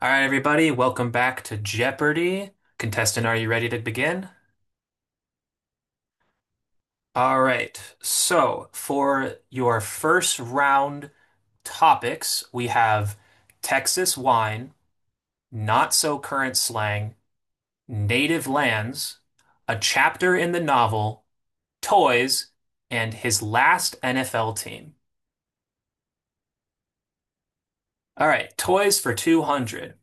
All right, everybody, welcome back to Jeopardy! Contestant, are you ready to begin? All right, so for your first round topics, we have Texas wine, not so current slang, native lands, a chapter in the novel, toys, and his last NFL team. All right, toys for 200.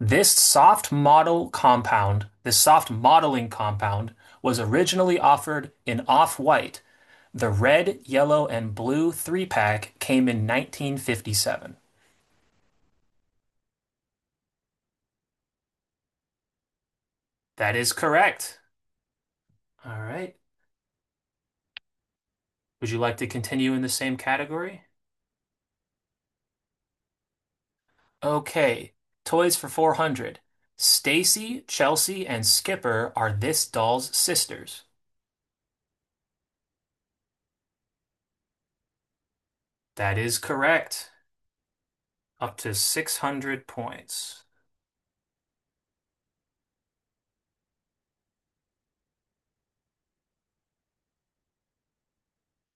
This soft modeling compound, was originally offered in off-white. The red, yellow, and blue three-pack came in 1957. That is correct. All right. Would you like to continue in the same category? Okay, toys for 400. Stacy, Chelsea, and Skipper are this doll's sisters. That is correct. Up to 600 points.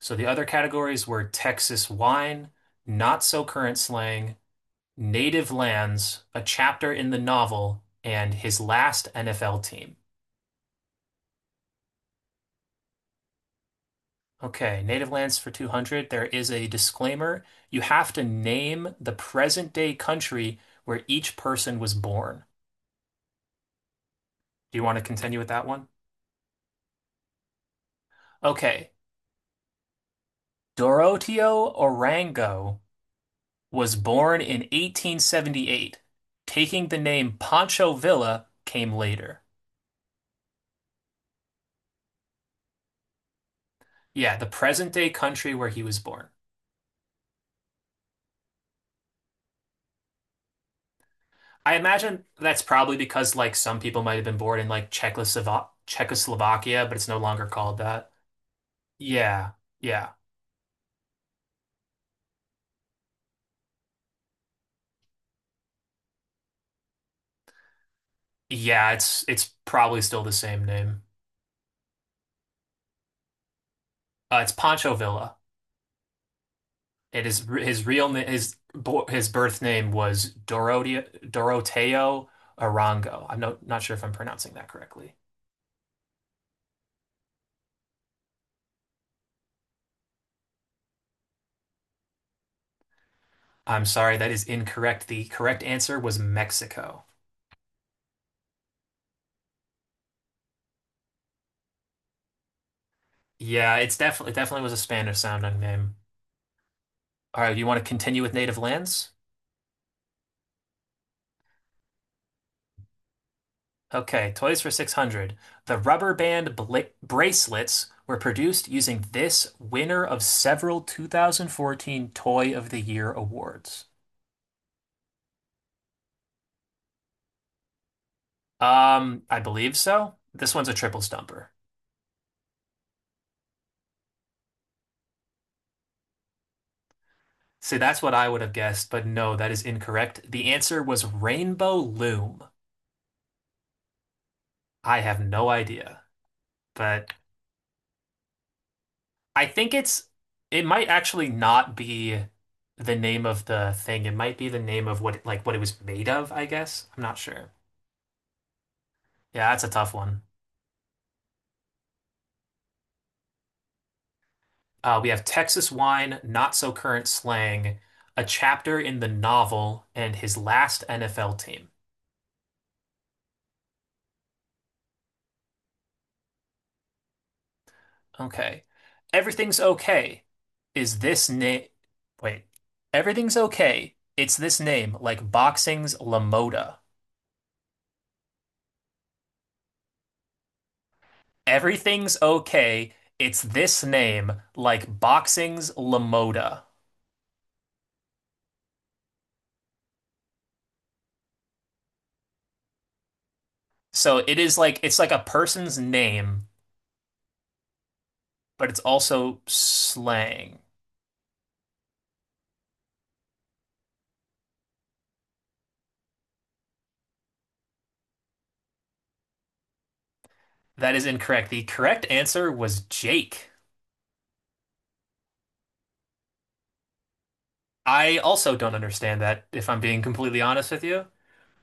So the other categories were Texas wine, not so current slang, native lands, a chapter in the novel, and his last NFL team. Okay, native lands for 200. There is a disclaimer. You have to name the present day country where each person was born. Do you want to continue with that one? Okay. Doroteo Orango was born in 1878. Taking the name Pancho Villa came later. Yeah, the present day country where he was born. I imagine that's probably because like some people might have been born in like Czechoslovakia, but it's no longer called that. Yeah, yeah, yeah. It's probably still the same name. It's Pancho Villa. It is his real name. His birth name was Dorotea Doroteo Arango. I'm not sure if I'm pronouncing that correctly. I'm sorry, that is incorrect. The correct answer was Mexico. Yeah, it definitely was a Spanish sounding name. All right, you want to continue with native lands? Okay, toys for 600. The rubber band bla bracelets were produced using this winner of several 2014 Toy of the Year awards. I believe so. This one's a triple stumper. See, that's what I would have guessed, but no, that is incorrect. The answer was Rainbow Loom. I have no idea, but I think it might actually not be the name of the thing. It might be the name of what it was made of, I guess. I'm not sure. Yeah, that's a tough one. We have Texas wine, not so current slang, a chapter in the novel, and his last NFL team. Okay. Everything's okay. Is this name? Wait. Everything's okay. It's this name, like boxing's LaModa. Everything's okay. It's this name, like boxing's Lamoda. So it's like a person's name, but it's also slang. That is incorrect. The correct answer was Jake. I also don't understand that, if I'm being completely honest with you.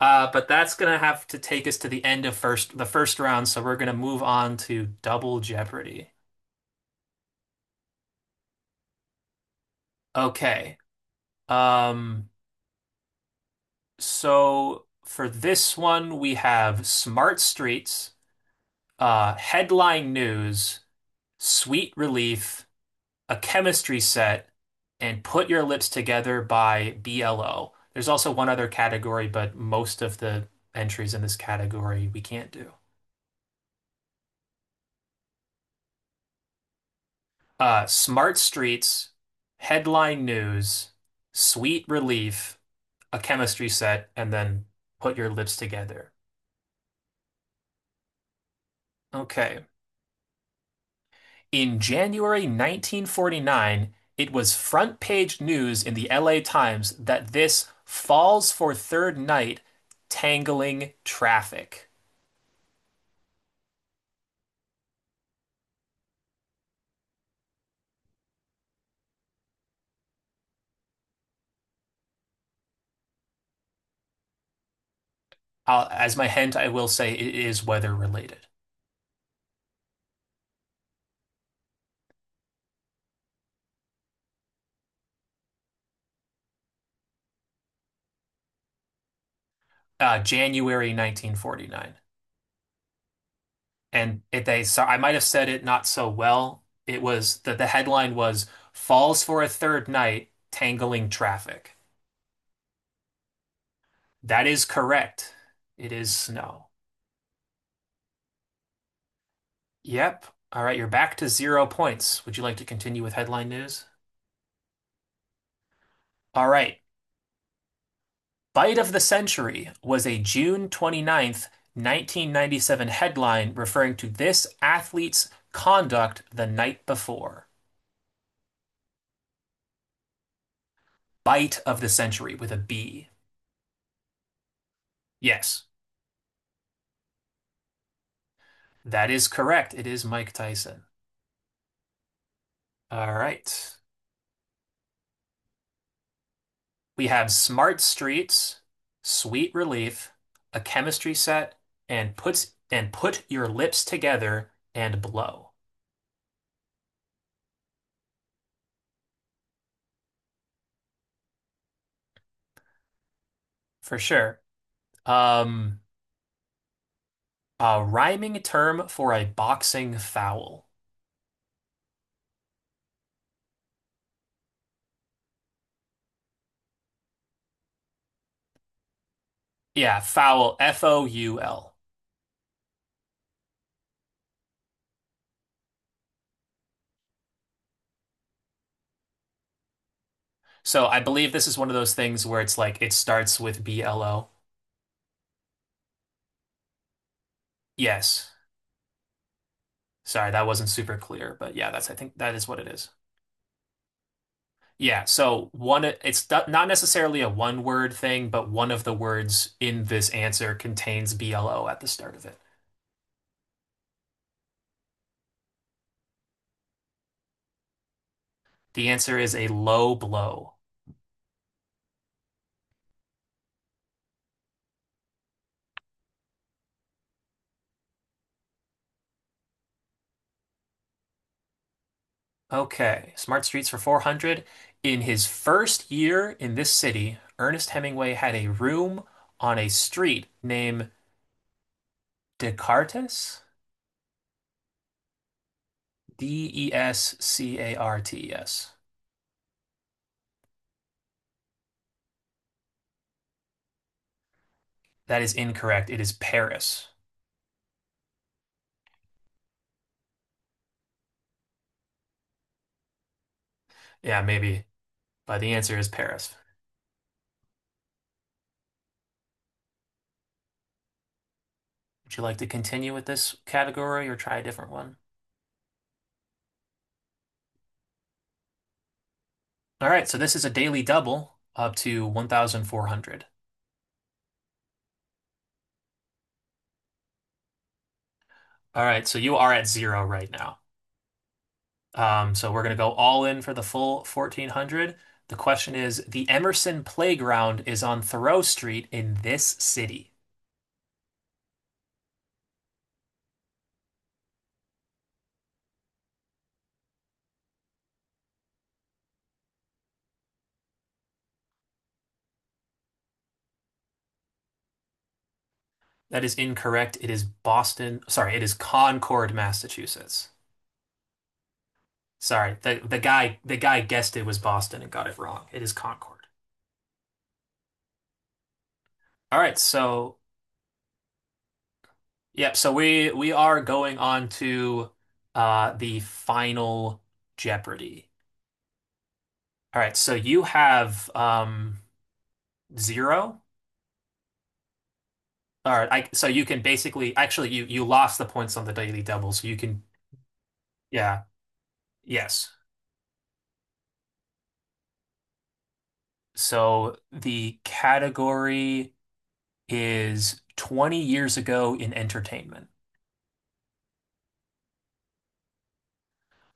But that's gonna have to take us to the end of first the first round, so we're gonna move on to Double Jeopardy. Okay. Um, so for this one, we have Smart Streets, headline news, Sweet Relief, a chemistry set, and Put Your Lips Together by BLO. There's also one other category, but most of the entries in this category we can't do. Smart Streets, headline news, Sweet Relief, a chemistry set, and then Put Your Lips Together. Okay. In January 1949, it was front page news in the LA Times that this falls for third night tangling traffic. As my hint, I will say it is weather related. January 1949. And it, they so I might have said it not so well. It was that the headline was Falls for a Third Night Tangling Traffic. That is correct. It is snow. Yep. All right, you're back to zero points. Would you like to continue with headline news? All right. Bite of the Century was a June 29th, 1997 headline referring to this athlete's conduct the night before. Bite of the Century with a B. Yes, that is correct. It is Mike Tyson. All right. We have Smart Streets, Sweet Relief, A Chemistry Set, and put your lips together and blow. For sure. Um, a rhyming term for a boxing foul. Yeah, foul, foul. So I believe this is one of those things where it's like it starts with BLO. Yes. Sorry, that wasn't super clear, but yeah, that's I think that is what it is. Yeah, so one it's not necessarily a one word thing, but one of the words in this answer contains BLO at the start of it. The answer is a low blow. Okay, Smart Streets for 400. In his first year in this city, Ernest Hemingway had a room on a street named Descartes? Descartes. That is incorrect. It is Paris. Yeah, maybe, but the answer is Paris. Would you like to continue with this category or try a different one? All right, so this is a daily double up to 1,400. All right, so you are at zero right now. So we're going to go all in for the full 1,400. The question is, the Emerson Playground is on Thoreau Street in this city. That is incorrect. It is Boston. Sorry, it is Concord, Massachusetts. Sorry, the guy guessed it was Boston and got it wrong. It is Concord. All right, yep, so we are going on to the final Jeopardy. All right, so you have zero. All right, so you can basically actually you lost the points on the Daily Double, so you can yeah, yes. So the category is 20 years ago in entertainment.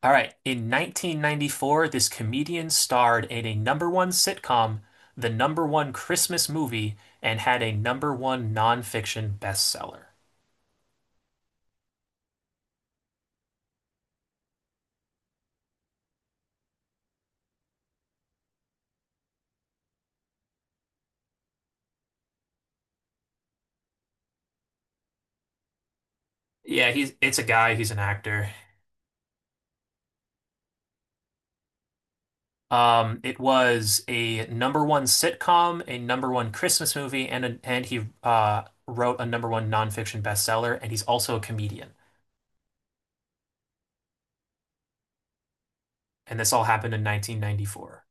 All right, in 1994, this comedian starred in a number one sitcom, the number one Christmas movie, and had a number one nonfiction bestseller. Yeah, he's it's a guy, he's an actor. It was a number one sitcom, a number one Christmas movie, and he wrote a number one nonfiction bestseller, and he's also a comedian. And this all happened in 1994.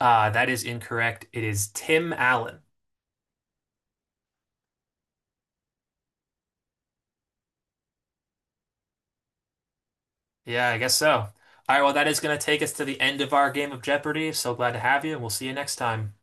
That is incorrect. It is Tim Allen. Yeah, I guess so. All right, well, that is going to take us to the end of our game of Jeopardy. So glad to have you, and we'll see you next time.